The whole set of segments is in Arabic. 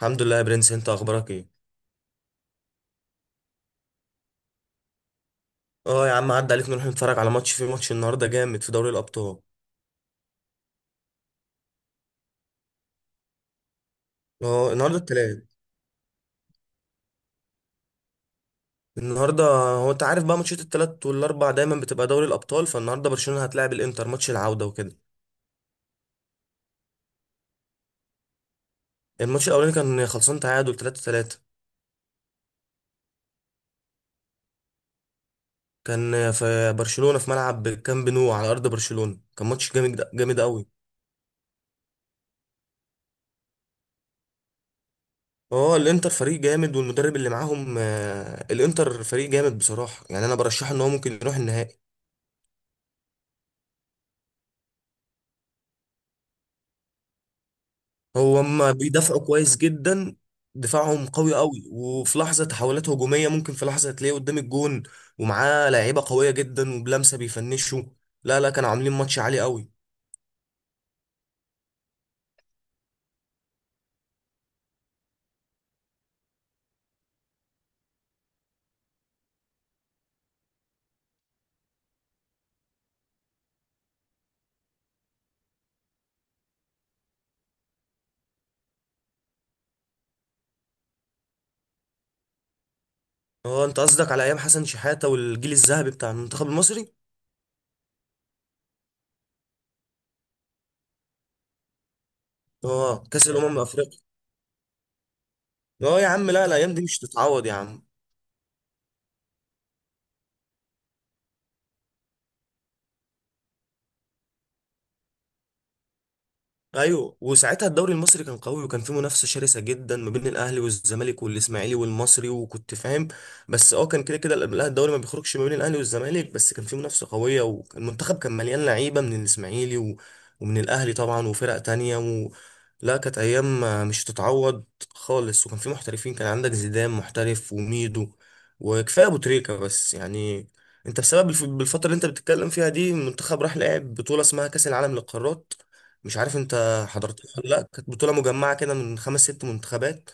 الحمد لله يا برنس، انت اخبارك ايه؟ اه يا عم، عدى عليك، نروح نتفرج على ماتش النهارده جامد في دوري الابطال. اه النهارده التلات. النهارده، هو انت عارف بقى ماتشات التلات والاربع دايما بتبقى دوري الابطال، فالنهارده برشلونه هتلاعب الانتر ماتش العوده وكده. الماتش الاولاني كان خلصان تعادل 3-3. كان في برشلونه في ملعب كامب نو على ارض برشلونه، كان ماتش جامد جامد قوي. اه الانتر فريق جامد والمدرب اللي معاهم، الانتر فريق جامد بصراحه، يعني انا برشحه ان هو ممكن يروح النهائي. هو هما بيدافعوا كويس جدا، دفاعهم قوي قوي، وفي لحظة تحولات هجومية ممكن في لحظة تلاقيه قدام الجون، ومعاه لعيبة قوية جدا وبلمسة بيفنشوا. لا لا، كانوا عاملين ماتش عالي قوي. اه انت قصدك على ايام حسن شحاتة والجيل الذهبي بتاع المنتخب المصري. اه كأس الامم الافريقية. اه يا عم، لا لا، الايام دي مش تتعوض يا عم. ايوه، وساعتها الدوري المصري كان قوي وكان فيه منافسه شرسه جدا ما بين الاهلي والزمالك والاسماعيلي والمصري، وكنت فاهم. بس كان كده كده، لا، الدوري ما بيخرجش ما بين الاهلي والزمالك، بس كان فيه منافسه قويه وكان المنتخب كان مليان لعيبه من الاسماعيلي ومن الاهلي طبعا وفرق تانية لا كانت ايام مش هتتعوض خالص، وكان فيه محترفين، كان عندك زيدان محترف وميدو، وكفايه ابو تريكه. بس يعني انت بسبب بالفتره اللي انت بتتكلم فيها دي المنتخب راح لعب بطوله اسمها كاس العالم للقارات، مش عارف انت حضرت. لا، كانت بطولة مجمعة كده من خمس ست منتخبات،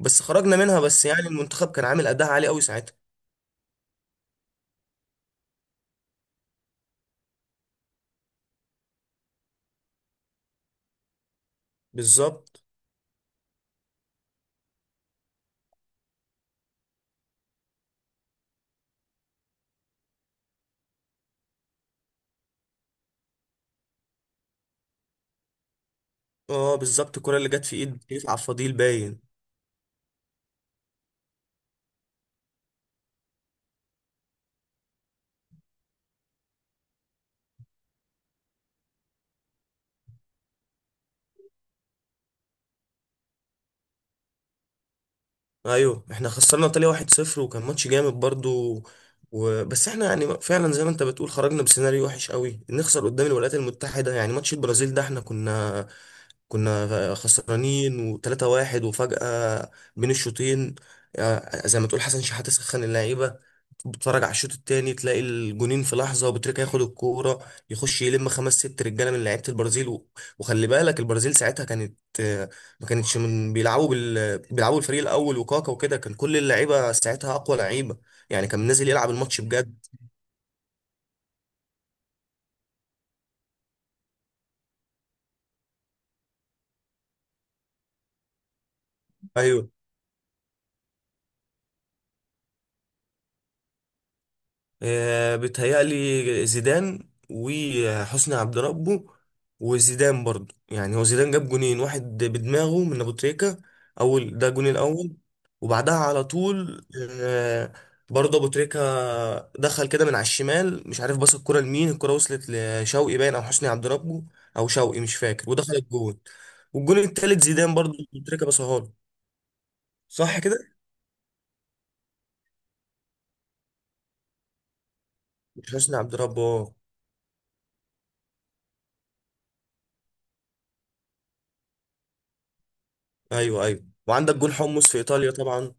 بس خرجنا منها، بس يعني المنتخب كان عامل أداء عالي قوي ساعتها. بالظبط. اه بالظبط، الكرة اللي جت في ايد كيف على الفضيل باين. ايوه، احنا خسرنا ايطاليا 1-0 وكان ماتش جامد برضو. بس احنا يعني فعلا زي ما انت بتقول خرجنا بسيناريو وحش قوي، نخسر قدام الولايات المتحدة. يعني ماتش البرازيل ده احنا كنا خسرانين و3-1، وفجأة بين الشوطين، زي ما تقول حسن شحاتة سخن اللعيبة. بتتفرج على الشوط التاني تلاقي الجونين في لحظه، وبتريكا ياخد الكوره يخش يلم خمس ست رجاله من لعيبه البرازيل وخلي بالك البرازيل ساعتها كانت، ما كانتش من بيلعبوا بيلعبوا الفريق الاول، وكاكا وكده كان كل اللعيبه ساعتها اقوى لعيبه، يعني كان نازل يلعب الماتش بجد. ايوه، بيتهيألي زيدان وحسني عبد ربه، وزيدان برضو، يعني هو زيدان جاب جونين، واحد بدماغه من ابو تريكة، اول ده الجون الاول، وبعدها على طول آه، برضه ابو تريكة دخل كده من على الشمال، مش عارف باص الكرة لمين، الكرة وصلت لشوقي باين او حسني عبد ربه، او شوقي مش فاكر، ودخل الجون. والجون التالت زيدان، برضه ابو تريكة باصها له. صح كده. مش حسني عبد ربه. اه ايوه ايوه، وعندك جون حمص في ايطاليا طبعا،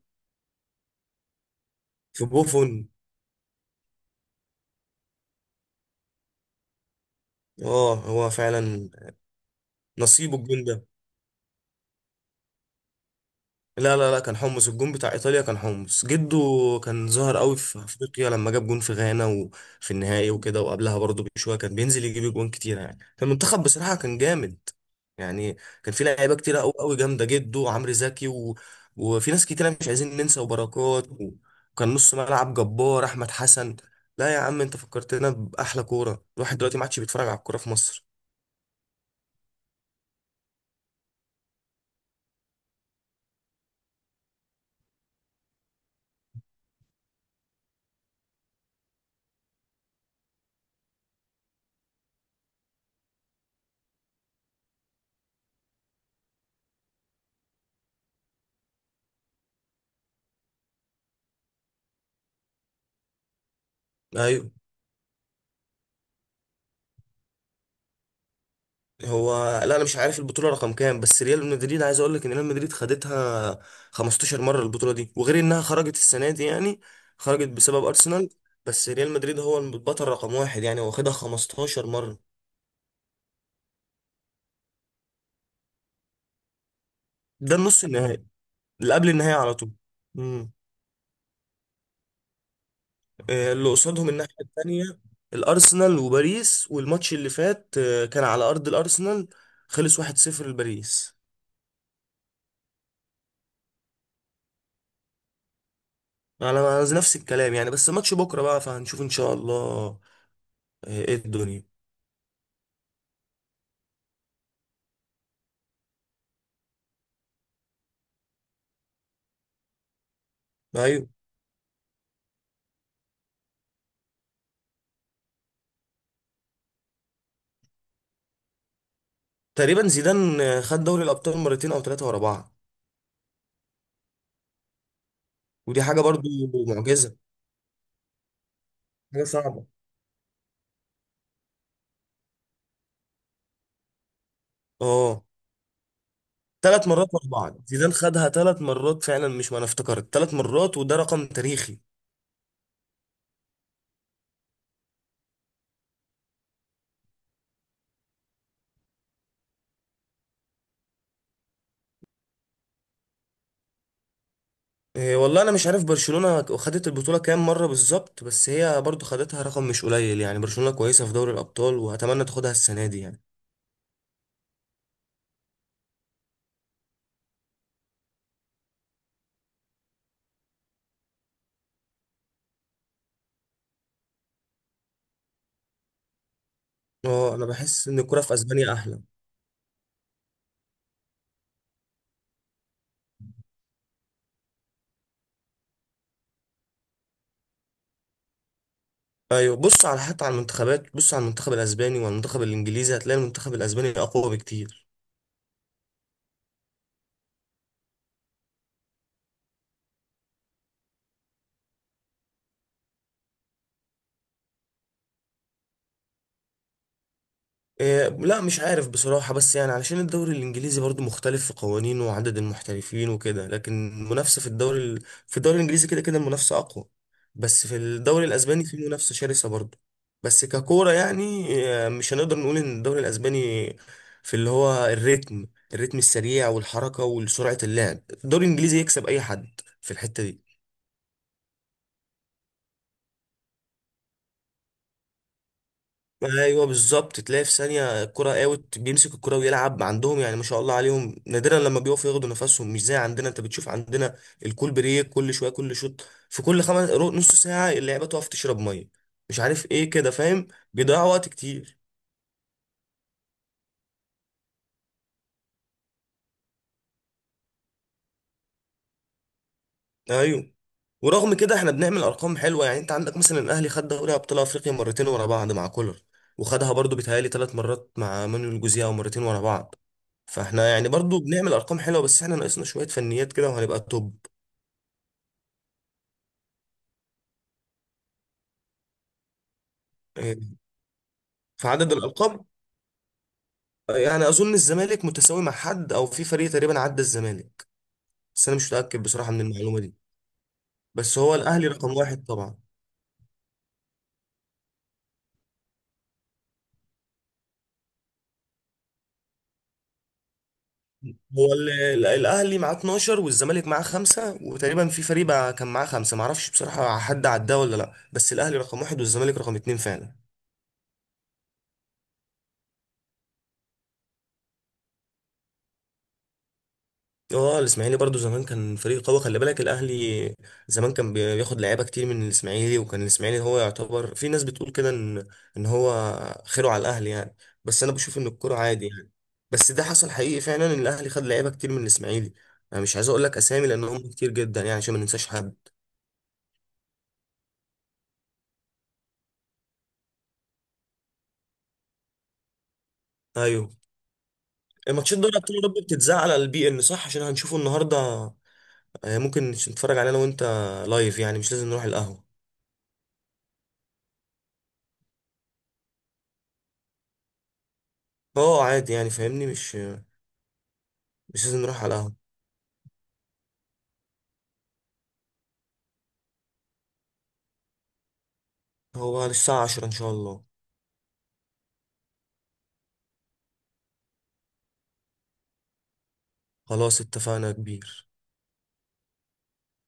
في بوفون. اه، هو فعلا نصيبه الجون ده. لا لا لا، كان حمص، الجون بتاع ايطاليا كان حمص جده. كان ظاهر قوي في افريقيا لما جاب جون في غانا وفي النهائي وكده، وقبلها برضه بشويه كان بينزل يجيب جون كتير، يعني فالمنتخب بصراحه كان جامد. يعني كان في لعيبه كتيره قوي قوي جامده جده، وعمرو زكي وفي ناس كتيره مش عايزين ننسى، وبركات وكان نص ملعب جبار احمد حسن. لا يا عم، انت فكرتنا باحلى كوره، الواحد دلوقتي ما عادش بيتفرج على الكوره في مصر. ايوه. هو لا، انا مش عارف البطوله رقم كام، بس ريال مدريد عايز اقول لك ان ريال مدريد خدتها 15 مره البطوله دي، وغير انها خرجت السنه دي، يعني خرجت بسبب ارسنال، بس ريال مدريد هو البطل رقم واحد، يعني هو خدها 15 مره. ده النص النهائي، اللي قبل النهائي على طول. امم، اللي قصادهم الناحيه التانيه الارسنال وباريس، والماتش اللي فات كان على ارض الارسنال، خلص 1-0 لباريس. على نفس الكلام يعني، بس ماتش بكره بقى، فهنشوف ان شاء الله. ايه الدنيا. ايوه، تقريبا زيدان خد دوري الابطال مرتين او ثلاثه ورا بعض، ودي حاجه برضو معجزه، حاجه صعبه. اه، ثلاث مرات ورا بعض، زيدان خدها ثلاث مرات فعلا، مش ما انا افتكرت ثلاث مرات، وده رقم تاريخي. إيه، والله انا مش عارف برشلونه خدت البطوله كام مره بالظبط، بس هي برضو خدتها رقم مش قليل، يعني برشلونه كويسه في دوري الابطال، واتمنى تاخدها السنه دي يعني. اه، انا بحس ان الكوره في اسبانيا احلى. ايوه، بص على، حتى على المنتخبات، بص على المنتخب الاسباني والمنتخب الانجليزي، هتلاقي المنتخب الاسباني اقوى بكتير. إيه، لا مش عارف بصراحة، بس يعني علشان الدوري الإنجليزي برضو مختلف في قوانينه وعدد المحترفين وكده، لكن المنافسة في الدوري في الدوري الإنجليزي كده كده المنافسة أقوى، بس في الدوري الأسباني في منافسة شرسة برضو. بس ككورة يعني، مش هنقدر نقول إن الدوري الأسباني في اللي هو الريتم السريع والحركة وسرعة اللعب، الدوري الإنجليزي يكسب أي حد في الحتة دي. ايوه بالظبط، تلاقي في ثانيه الكره اوت، بيمسك الكره ويلعب عندهم، يعني ما شاء الله عليهم، نادرا لما بيقفوا ياخدوا نفسهم، مش زي عندنا، انت بتشوف عندنا الكول بريك كل شويه، كل شوط في كل خمس نص ساعه اللعيبه تقف تشرب ميه، مش عارف ايه كده، فاهم، بيضيعوا وقت كتير. ايوه، ورغم كده احنا بنعمل ارقام حلوه، يعني انت عندك مثلا الاهلي خد دوري ابطال افريقيا مرتين ورا بعض مع كولر، وخدها برضو بيتهيألي ثلاث مرات مع مانويل جوزيه، او مرتين ورا بعض. فاحنا يعني برضو بنعمل ارقام حلوه، بس احنا ناقصنا شويه فنيات كده وهنبقى توب. آه، في عدد الألقاب، يعني أظن الزمالك متساوي مع حد، أو في فريق تقريبا عدى الزمالك، بس أنا مش متأكد بصراحة من المعلومة دي. بس هو الأهلي رقم واحد طبعا. هو الأهلي معاه 12 والزمالك معاه خمسة، وتقريبا في فريق بقى كان معاه خمسة، معرفش بصراحة حد عداه ولا لأ، بس الأهلي رقم واحد والزمالك رقم اتنين فعلا. اه، الاسماعيلي برضو زمان كان فريق قوي، خلي بالك الاهلي زمان كان بياخد لعيبه كتير من الاسماعيلي، وكان الاسماعيلي هو يعتبر، في ناس بتقول كده ان هو خيره على الاهلي يعني، بس انا بشوف ان الكوره عادي يعني. بس ده حصل حقيقي فعلا، ان الاهلي خد لعيبه كتير من الاسماعيلي، انا مش عايز اقول لك اسامي لان هم كتير جدا، يعني عشان ما ننساش حد. ايوه، الماتشات دوري ابطال اوروبا بتتذاع على البي إن صح، عشان هنشوفه النهارده، ممكن نتفرج عليه انا وانت لايف، يعني مش لازم نروح القهوه. اه عادي، يعني فاهمني، مش لازم نروح على القهوه. هو بعد الساعة 10 إن شاء الله. خلاص اتفقنا يا كبير.